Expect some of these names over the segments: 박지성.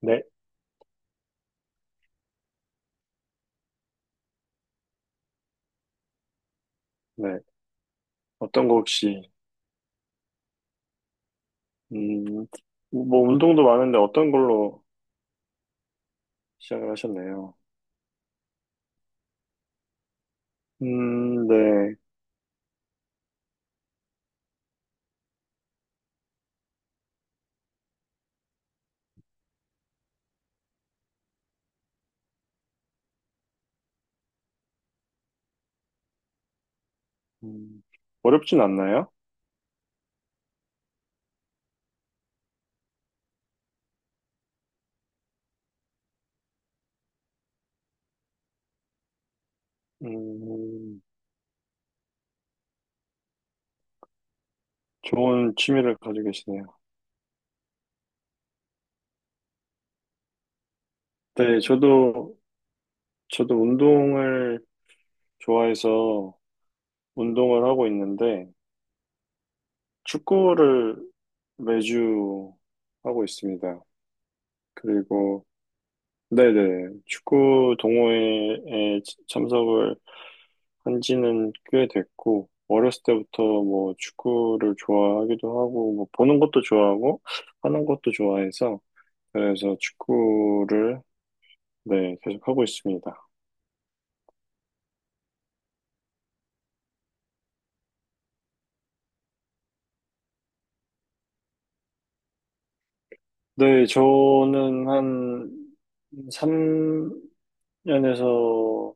네, 네. 어떤 거 혹시, 음, 뭐, 운동도 많은데 어떤 걸로 시작을 하셨네요. 네. 음, 어렵진 않나요? 음, 좋은 취미를 가지고 계시네요. 네, 저도 운동을 좋아해서 운동을 하고 있는데, 축구를 매주 하고 있습니다. 그리고, 네네, 축구 동호회에 참석을 한 지는 꽤 됐고, 어렸을 때부터 뭐 축구를 좋아하기도 하고, 뭐 보는 것도 좋아하고, 하는 것도 좋아해서, 그래서 축구를, 네, 계속 하고 있습니다. 네, 저는 한 3년에서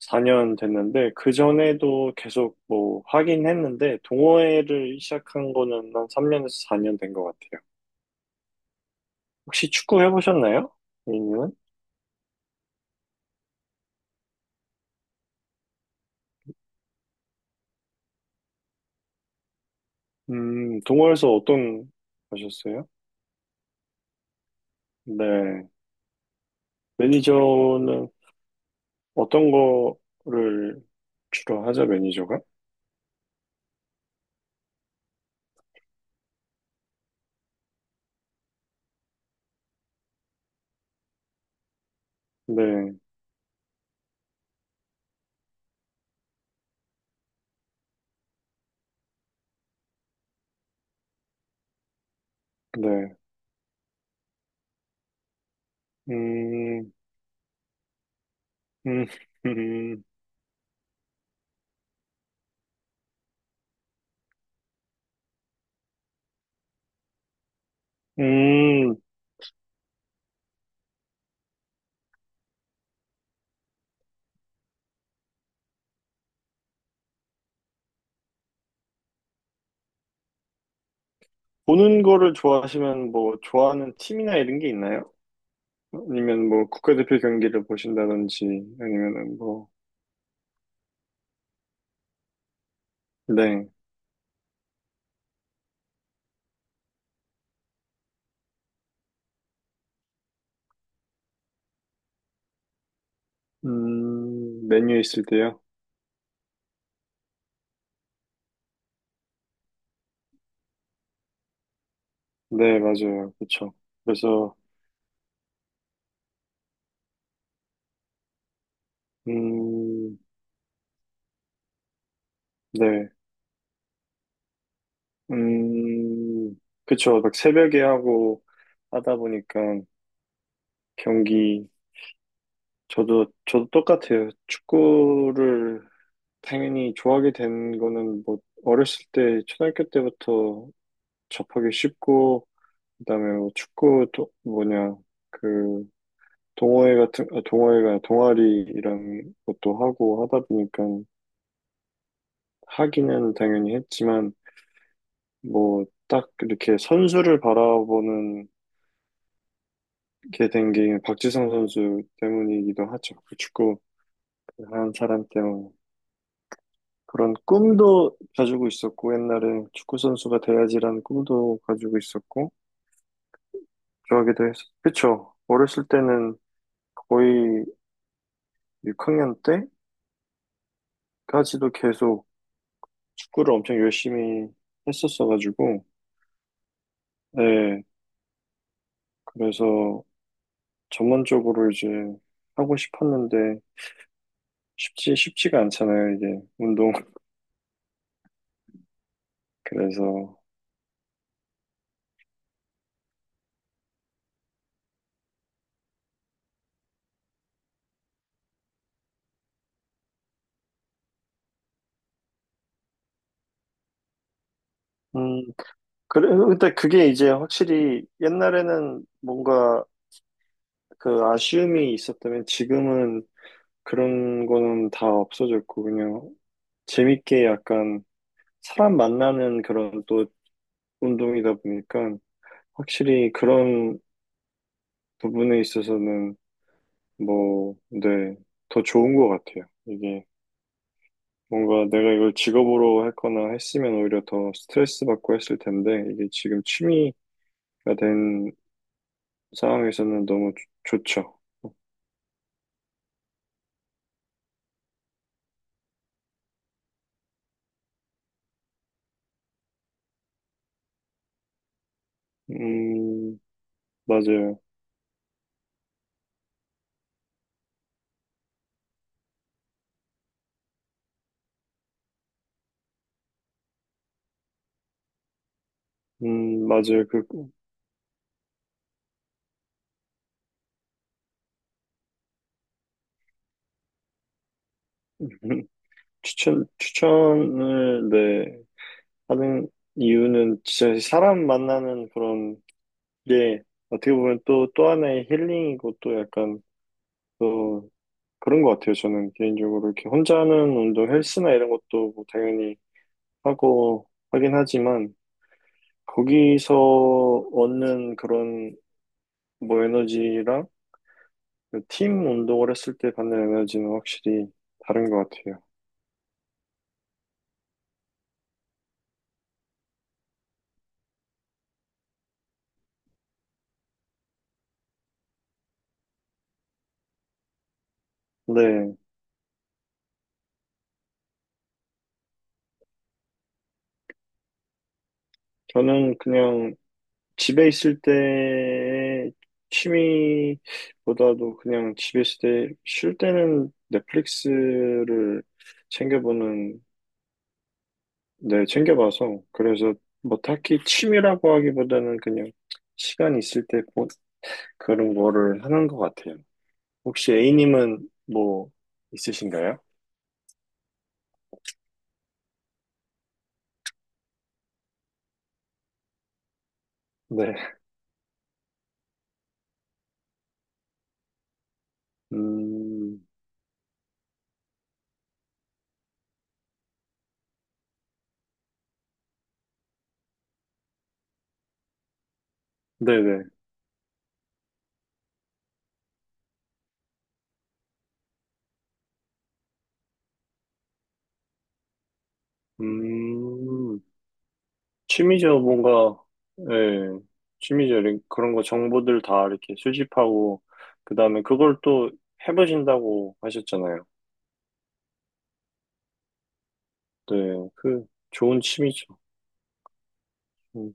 4년 됐는데, 그 전에도 계속 뭐 하긴 했는데, 동호회를 시작한 거는 한 3년에서 4년 된 것 같아요. 혹시 축구 해보셨나요? A님은? 동호회에서 어떤 하셨어요? 네. 매니저는 어떤 거를 주로 하죠, 매니저가? 네, 네. 음, 음, 음, 음, 보는 거를 좋아하시면 뭐 좋아하는 팀이나 이런 게 있나요? 아니면 뭐 국가대표 경기를 보신다든지 아니면은 뭐, 네. 메뉴 있을 때요? 네, 맞아요. 그쵸. 그래서, 음, 네. 음, 그쵸. 막 새벽에 하고 하다 보니까 경기, 저도 똑같아요. 축구를 당연히 좋아하게 된 거는 뭐, 어렸을 때, 초등학교 때부터 접하기 쉽고, 그다음에 뭐 축구, 도, 뭐냐, 그, 동호회 같은, 아, 동호회가 동아리 이런 것도 하고 하다 보니까 하기는 당연히 했지만, 뭐, 딱 이렇게 선수를 바라보는 게 된 게 박지성 선수 때문이기도 하죠. 그 축구 한 사람 때문에. 그런 꿈도 가지고 있었고, 옛날에 축구선수가 돼야지라는 꿈도 가지고 있었고, 좋아하기도 했었, 그쵸. 어렸을 때는 거의 6학년 때까지도 계속 축구를 엄청 열심히 했었어가지고, 네, 그래서 전문적으로 이제 하고 싶었는데, 쉽지가 않잖아요, 이게, 운동. 그래서, 음, 그래, 근데 그게 이제 확실히 옛날에는 뭔가 그 아쉬움이 있었다면 지금은 그런 거는 다 없어졌고 그냥 재밌게 약간 사람 만나는 그런 또 운동이다 보니까 확실히 그런 부분에 있어서는 뭐, 네, 더 좋은 것 같아요. 이게 뭔가 내가 이걸 직업으로 했거나 했으면 오히려 더 스트레스 받고 했을 텐데 이게 지금 취미가 된 상황에서는 너무 좋죠. 음, 맞아요. 맞아요. 그 추천을 네. 하는 이유는 진짜 사람 만나는 그런 게 어떻게 보면 또 하나의 힐링이고 또 약간 또 그런 것 같아요. 저는 개인적으로 이렇게 혼자 하는 운동 헬스나 이런 것도 뭐 당연히 하고 하긴 하지만 거기서 얻는 그런 뭐 에너지랑 그팀 운동을 했을 때 받는 에너지는 확실히 다른 것 같아요. 네, 저는 그냥 집에 있을 때 취미보다도 그냥 집에 있을 때 쉴 때는 넷플릭스를 챙겨보는, 네, 챙겨봐서. 그래서 뭐 딱히 취미라고 하기보다는 그냥 시간 있을 때 그런 거를 하는 것 같아요. 혹시 A님은 뭐 있으신가요? 네. 음, 네네. 음, 취미죠, 뭔가, 예, 취미죠. 그런 거 정보들 다 이렇게 수집하고, 그 다음에 그걸 또 해보신다고 하셨잖아요. 네, 그, 좋은 취미죠. 음.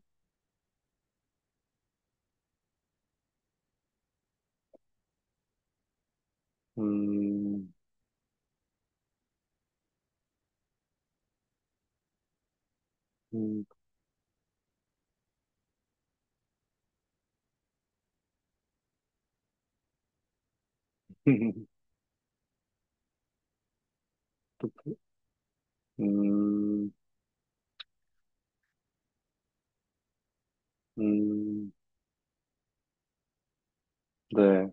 음. 음. 또. 음. 음. 네.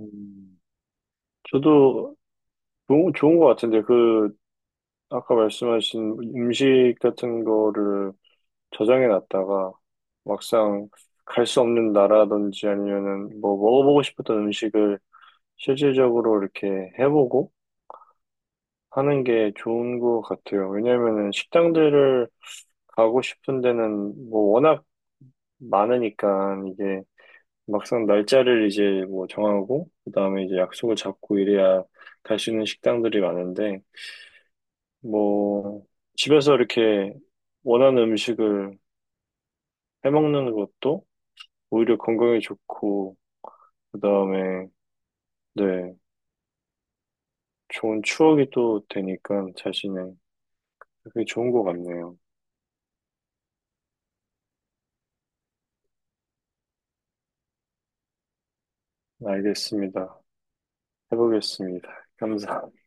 음, 저도 좋은 것 같은데, 그, 아까 말씀하신 음식 같은 거를 저장해 놨다가 막상 갈 수 없는 나라든지 아니면은 뭐 먹어보고 싶었던 음식을 실질적으로 이렇게 해보고 하는 게 좋은 것 같아요. 왜냐면은 식당들을 가고 싶은 데는 뭐 워낙 많으니까 이게 막상 날짜를 이제 뭐 정하고 그다음에 이제 약속을 잡고 이래야 갈 수 있는 식당들이 많은데 뭐 집에서 이렇게 원하는 음식을 해먹는 것도 오히려 건강에 좋고 그다음에 네, 좋은 추억이 또 되니까 자신의 그게 좋은 것 같네요. 알겠습니다. 해보겠습니다. 감사합니다.